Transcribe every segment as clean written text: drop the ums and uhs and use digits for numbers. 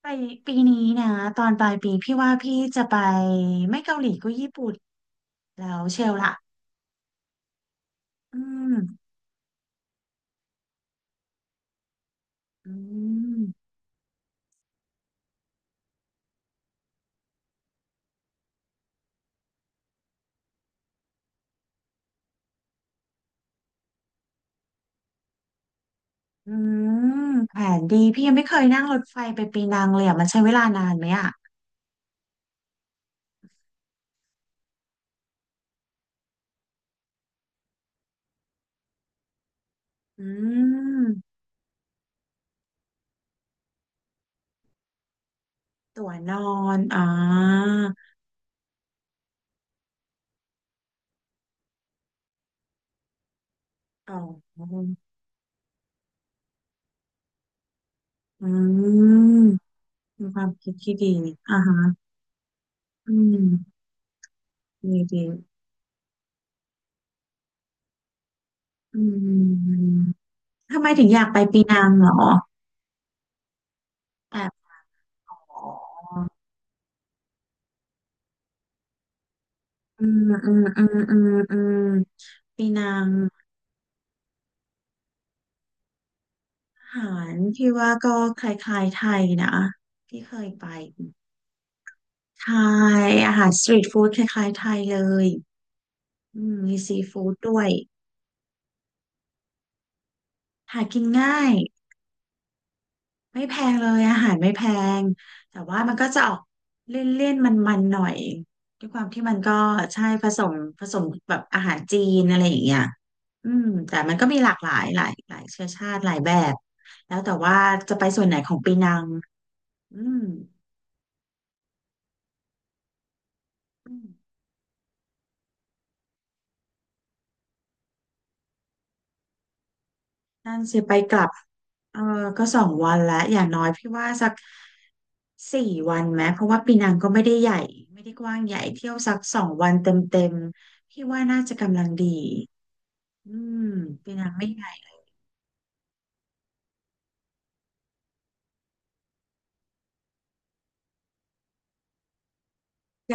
ไปปีนี้นะตอนปลายปีพี่ว่าพี่จะไปไม่เกาหลีก็ญี่ปุ่นแล้วเชลล่ะอืมอืมอืมแผนดีพี่ยังไม่เคยนั่งรถไฟไปปีนังเลยอ่ะมันใช้เวลานานไหมอ่ะอืมตั๋วนอนอ๋ออ๋ออืมมีความคิดที่ดีอ่าฮะอืมดีดีอืมทำไมถึงอยากไปปีนังเหรอแอบอ๋อ อืมอืมอืมอืมอืมปีนังอาหารที่ว่าก็คล้ายๆไทยนะที่เคยไปไทยอาหารสตรีทฟู้ดคล้ายๆไทยเลยอืมมีซีฟู้ดด้วยหากินง่าย ไม่แพงเลยอาหารไม่แพงแต่ว่ามันก็จะออกเลี่ยนๆมันๆหน่อยด้วยความที่มันก็ใช่ผสมผสมแบบอาหารจีนอะไรอย่างเงี้ยอืมแต่มันก็มีหลากหลายหลายหลายเชื้อชาติหลายแบบแล้วแต่ว่าจะไปส่วนไหนของปีนังอืมอืมนั่นสิไปกลับเออก็สองวันแล้วอย่างน้อยพี่ว่าสัก4 วันไหมเพราะว่าปีนังก็ไม่ได้ใหญ่ไม่ได้กว้างใหญ่เที่ยวสักสองวันเต็มๆพี่ว่าน่าจะกำลังดี อืมเป็นยังไม่ไง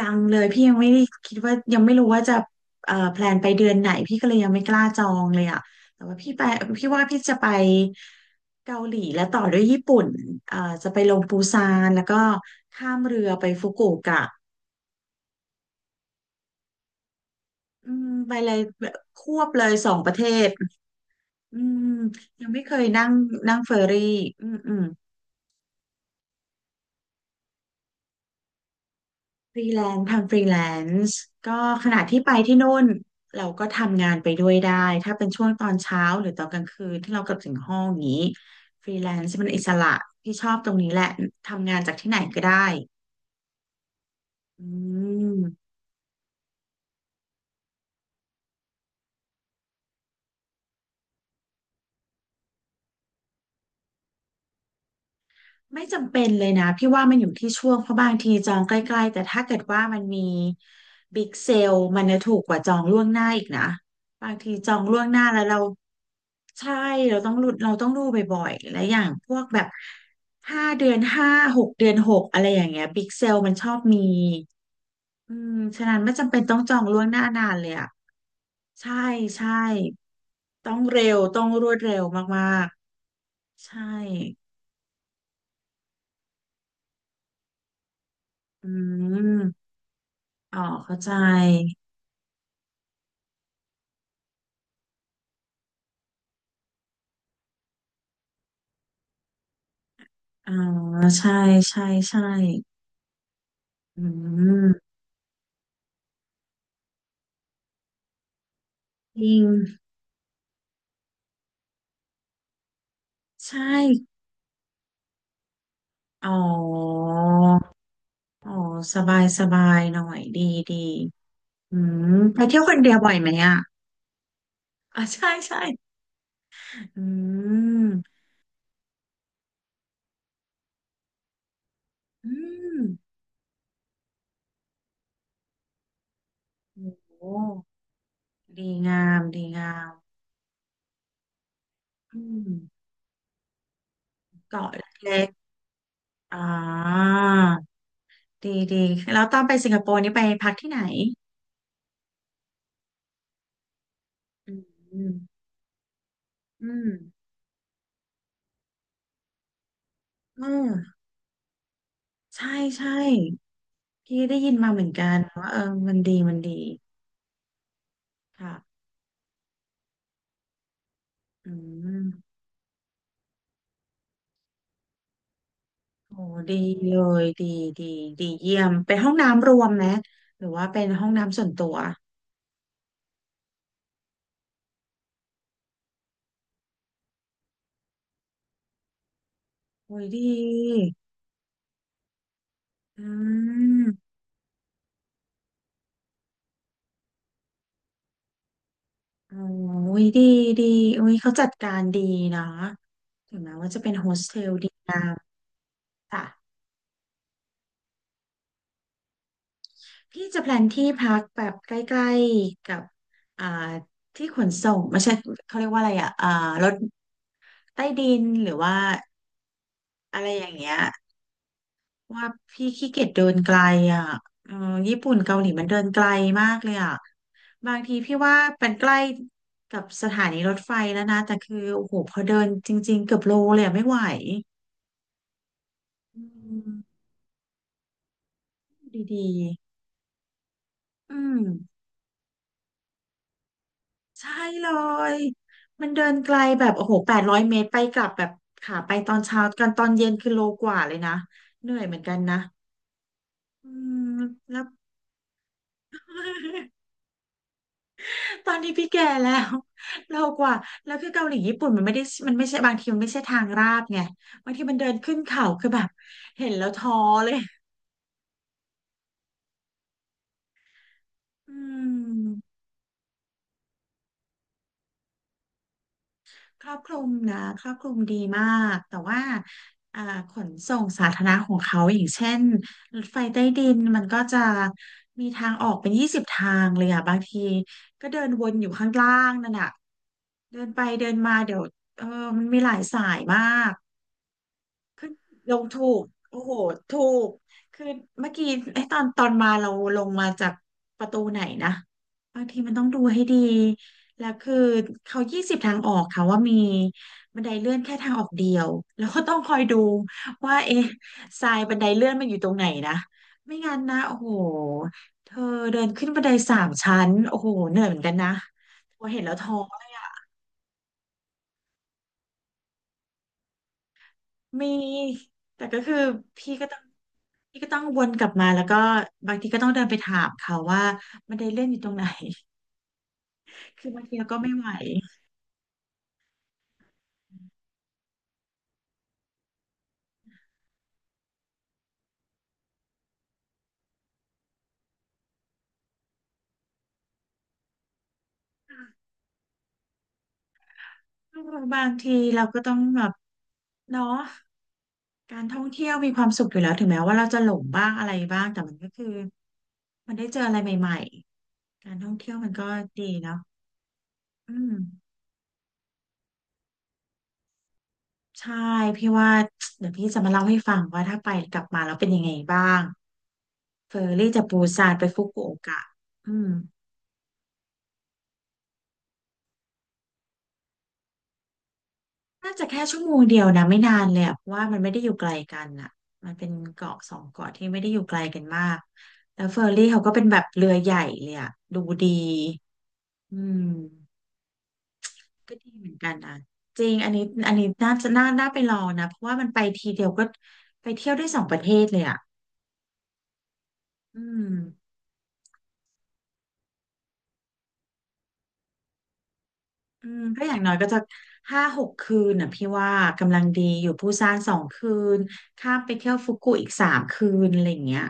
ยังเลยพี่ยังไม่ได้คิดว่ายังไม่รู้ว่าจะแพลนไปเดือนไหนพี่ก็เลยยังไม่กล้าจองเลยอ่ะแต่ว่าพี่ไปพี่ว่าพี่จะไปเกาหลีแล้วต่อด้วยญี่ปุ่นเอ่อจะไปลงปูซานแล้วก็ข้ามเรือไปฟุกุโอกะอืมไปเลยควบเลยสองประเทศอืมยังไม่เคยนั่งนั่งเฟอร์รี่อืมอืม ฟรีแลนซ์ทำฟรีแลนซ์ก็ขณะที่ไปที่โน่นเราก็ทำงานไปด้วยได้ถ้าเป็นช่วงตอนเช้าหรือตอนกลางคืนที่เรากลับถึงห้องอย่างนี้ฟรีแลนซ์มันอิสระที่ชอบตรงนี้แหละทำงานจากที่ไหนก็ได้อืม ไม่จำเป็นเลยนะพี่ว่ามันอยู่ที่ช่วงเพราะบางทีจองใกล้ๆแต่ถ้าเกิดว่ามันมีบิ๊กเซลมันจะถูกกว่าจองล่วงหน้าอีกนะบางทีจองล่วงหน้าแล้วเราใช่เราต้องรุดเราต้องดูบ่อยๆและอย่างพวกแบบห้าเดือนห้าหกเดือนหกอะไรอย่างเงี้ยบิ๊กเซลมันชอบมีอืมฉะนั้นไม่จำเป็นต้องจองล่วงหน้านานเลยอ่ะใช่ใช่ต้องเร็วต้องรวดเร็วมากๆใช่อืมอ๋อเข้าใจ อ๋อใช่ใช่ใช่อืมจริงใช่อ๋ออ๋อสบายสบายหน่อยดีดีอืมไปเที่ยวคนเดียวบ่อยไหมอ่ะอ๋อใช่ใช่อืมอืมโอ้โหดีงามดีงามอืมเกาะเล็กๆอ๋อดีดีแล้วตอนไปสิงคโปร์นี่ไปพักที่ไหนอืมอืมอืมใช่ใช่ พี่ได้ยินมาเหมือนกันว่าเออมันดีมันดีค่ะอืมโอ้ดีเลยดีดีดีเยี่ยมเป็นห้องน้ำรวมไหมหรือว่าเป็นห้องน้ำส่วนตัวโอ้ยดีอืมโอ้ยดีดีโอ้ยเขาจัดการดีเนาะถึงแม้ว่าจะเป็นโฮสเทลดีงามค่ะพี่จะแพลนที่พักแบบใกล้ๆกับอ่าที่ขนส่งไม่ใช่เขาเรียกว่าอะไรอ่ะรถใต้ดินหรือว่าอะไรอย่างเงี้ย ว่าพี่ขี้เกียจเดินไกลอ่ะเออญี่ปุ่นเกาหลีมันเดินไกลมากเลยอ่ะ บางทีพี่ว่ามันใกล้กับสถานีรถไฟแล้วนะแต่คือโอ้โหพอเดินจริงๆเกือบโลเลยอะไม่ไหวอืมดีๆอืมใช่เลยมันเดินไกลแบบโอ้โห800 เมตรไปกลับแบบขาไปตอนเช้ากันตอนเย็นคือโลกว่าเลยนะเหนื่อยเหมือนกันนะอืมแล้ว ตอนนี้พี่แก่แล้ว เรากว่าแล้วคือเกาหลีญี่ปุ่นมันไม่ได้มันไม่ใช่บางทีมันไม่ใช่ทางราบไงบางทีมันเดินขึ้นเขาคือแบบเห็นแล้วท้อเลยอืมครอบคลุมนะครอบคลุมดีมากแต่ว่าอ่าขนส่งสาธารณะของเขาอย่างเช่นรถไฟใต้ดินมันก็จะมีทางออกเป็นยี่สิบทางเลยอะบางทีก็เดินวนอยู่ข้างล่างนั่นอะเดินไปเดินมาเดี๋ยวเออมันมีหลายสายมาก ขึ้นลงถูกโอ้โหถูกคือเมื่อกี้ไอ้ตอนมาเราลงมาจากประตูไหนนะบางทีมันต้องดูให้ดีแล้วคือเขา20 ทางออกค่ะว่ามีบันไดเลื่อนแค่ทางออกเดียวแล้วก็ต้องคอยดูว่าเอ๊ะทรายบันไดเลื่อนมันอยู่ตรงไหนนะไม่งั้นนะโอ้โหเธอเดินขึ้นบันได3 ชั้นโอ้โหเหนื่อยเหมือนกันนะพอเห็นแล้วท้อเลยอะมีแต่ก็คือพี่ก็ต้อง นี่ก็ต้องวนกลับมาแล้วก็บางทีก็ต้องเดินไปถามเขาว่าบันไดเลื่อนอยู่ตรงไหน คือบางทีเราก็ไม่ไหวบางทีเราก็ต้องแบบเนาะการท่องเที่ยวมีความสุขอยู่แล้วถึงแม้ว่าเราจะหลงบ้างอะไรบ้างแต่มันก็คือมันได้เจออะไรใหม่ๆการท่องเที่ยวมันก็ดีเนาะอืมใช่พี่ว่าเดี๋ยวพี่จะมาเล่าให้ฟังว่าถ้าไปกลับมาแล้วเป็นยังไงบ้างเฟอร์รี่จากปูซานไปฟุกุโอกะอืม น่าจะแค่ชั่วโมงเดียวนะไม่นานเลยอะเพราะว่ามันไม่ได้อยู่ไกลกันอ่ะมันเป็นเกาะสองเกาะที่ไม่ได้อยู่ไกลกันมากแล้วเฟอร์รี่เขาก็เป็นแบบเรือใหญ่เลยอ่ะดูดีอืมก็ดีเหมือนกันนะจริงอันนี้อันนี้น่าจะน่าไปลองนะเพราะว่ามันไปทีเดียวก็ไปเที่ยวได้สองประเทศเลยอ่ะอืมอืมก็อย่างน้อยก็จะห้าหกคืนน่ะพี่ว่ากำลังดีอยู่ปูซานสองคืนข้ามไปเที่ยวฟุกุอีกสามคืนอะไรอย่างเงี้ย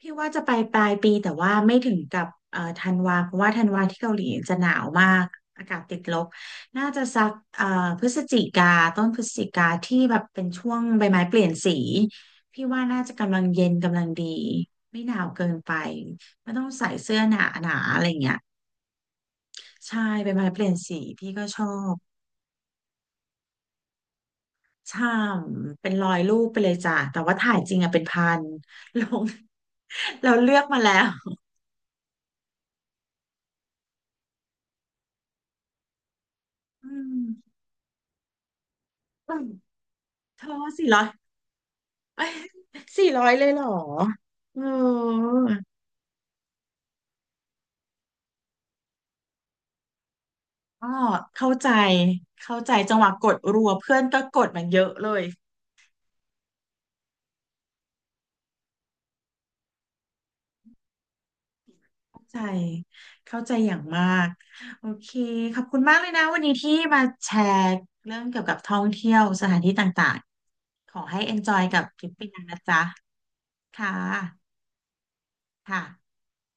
พี่ว่าจะไปปลายปีแต่ว่าไม่ถึงกับธันวาเพราะว่าธันวาที่เกาหลีจะหนาวมากอากาศติดลบน่าจะสักพฤศจิกาต้นพฤศจิกาที่แบบเป็นช่วงใบไม้เปลี่ยนสีพี่ว่าน่าจะกำลังเย็นกำลังดีไม่หนาวเกินไปไม่ต้องใส่เสื้อหนาหนาอะไรเงี้ยใช่ใบไม้เปลี่ยนสีพี่ก็ชอบใช่เป็นร้อยรูปไปเลยจ้ะแต่ว่าถ่ายจริงอะเป็นพันลง เราเลือกมาแล้วอืมเธอสี่ร้อย เอ้ยสี่ร้อยเลยเหรอเออก็เข้าใจเข้าใจจังหวะกดรัวเพื่อนก็กดมันเยอะเลยเข้าใจเข้าใจอย่างมากโอเคขอบคุณมากเลยนะวันนี้ที่มาแชร์เรื่องเกี่ยวกับท่องเที่ยวสถานที่ต่างๆ ขอให้ enjoy กับทริปปีหนังนะจ๊ะ ค่ะค่ะ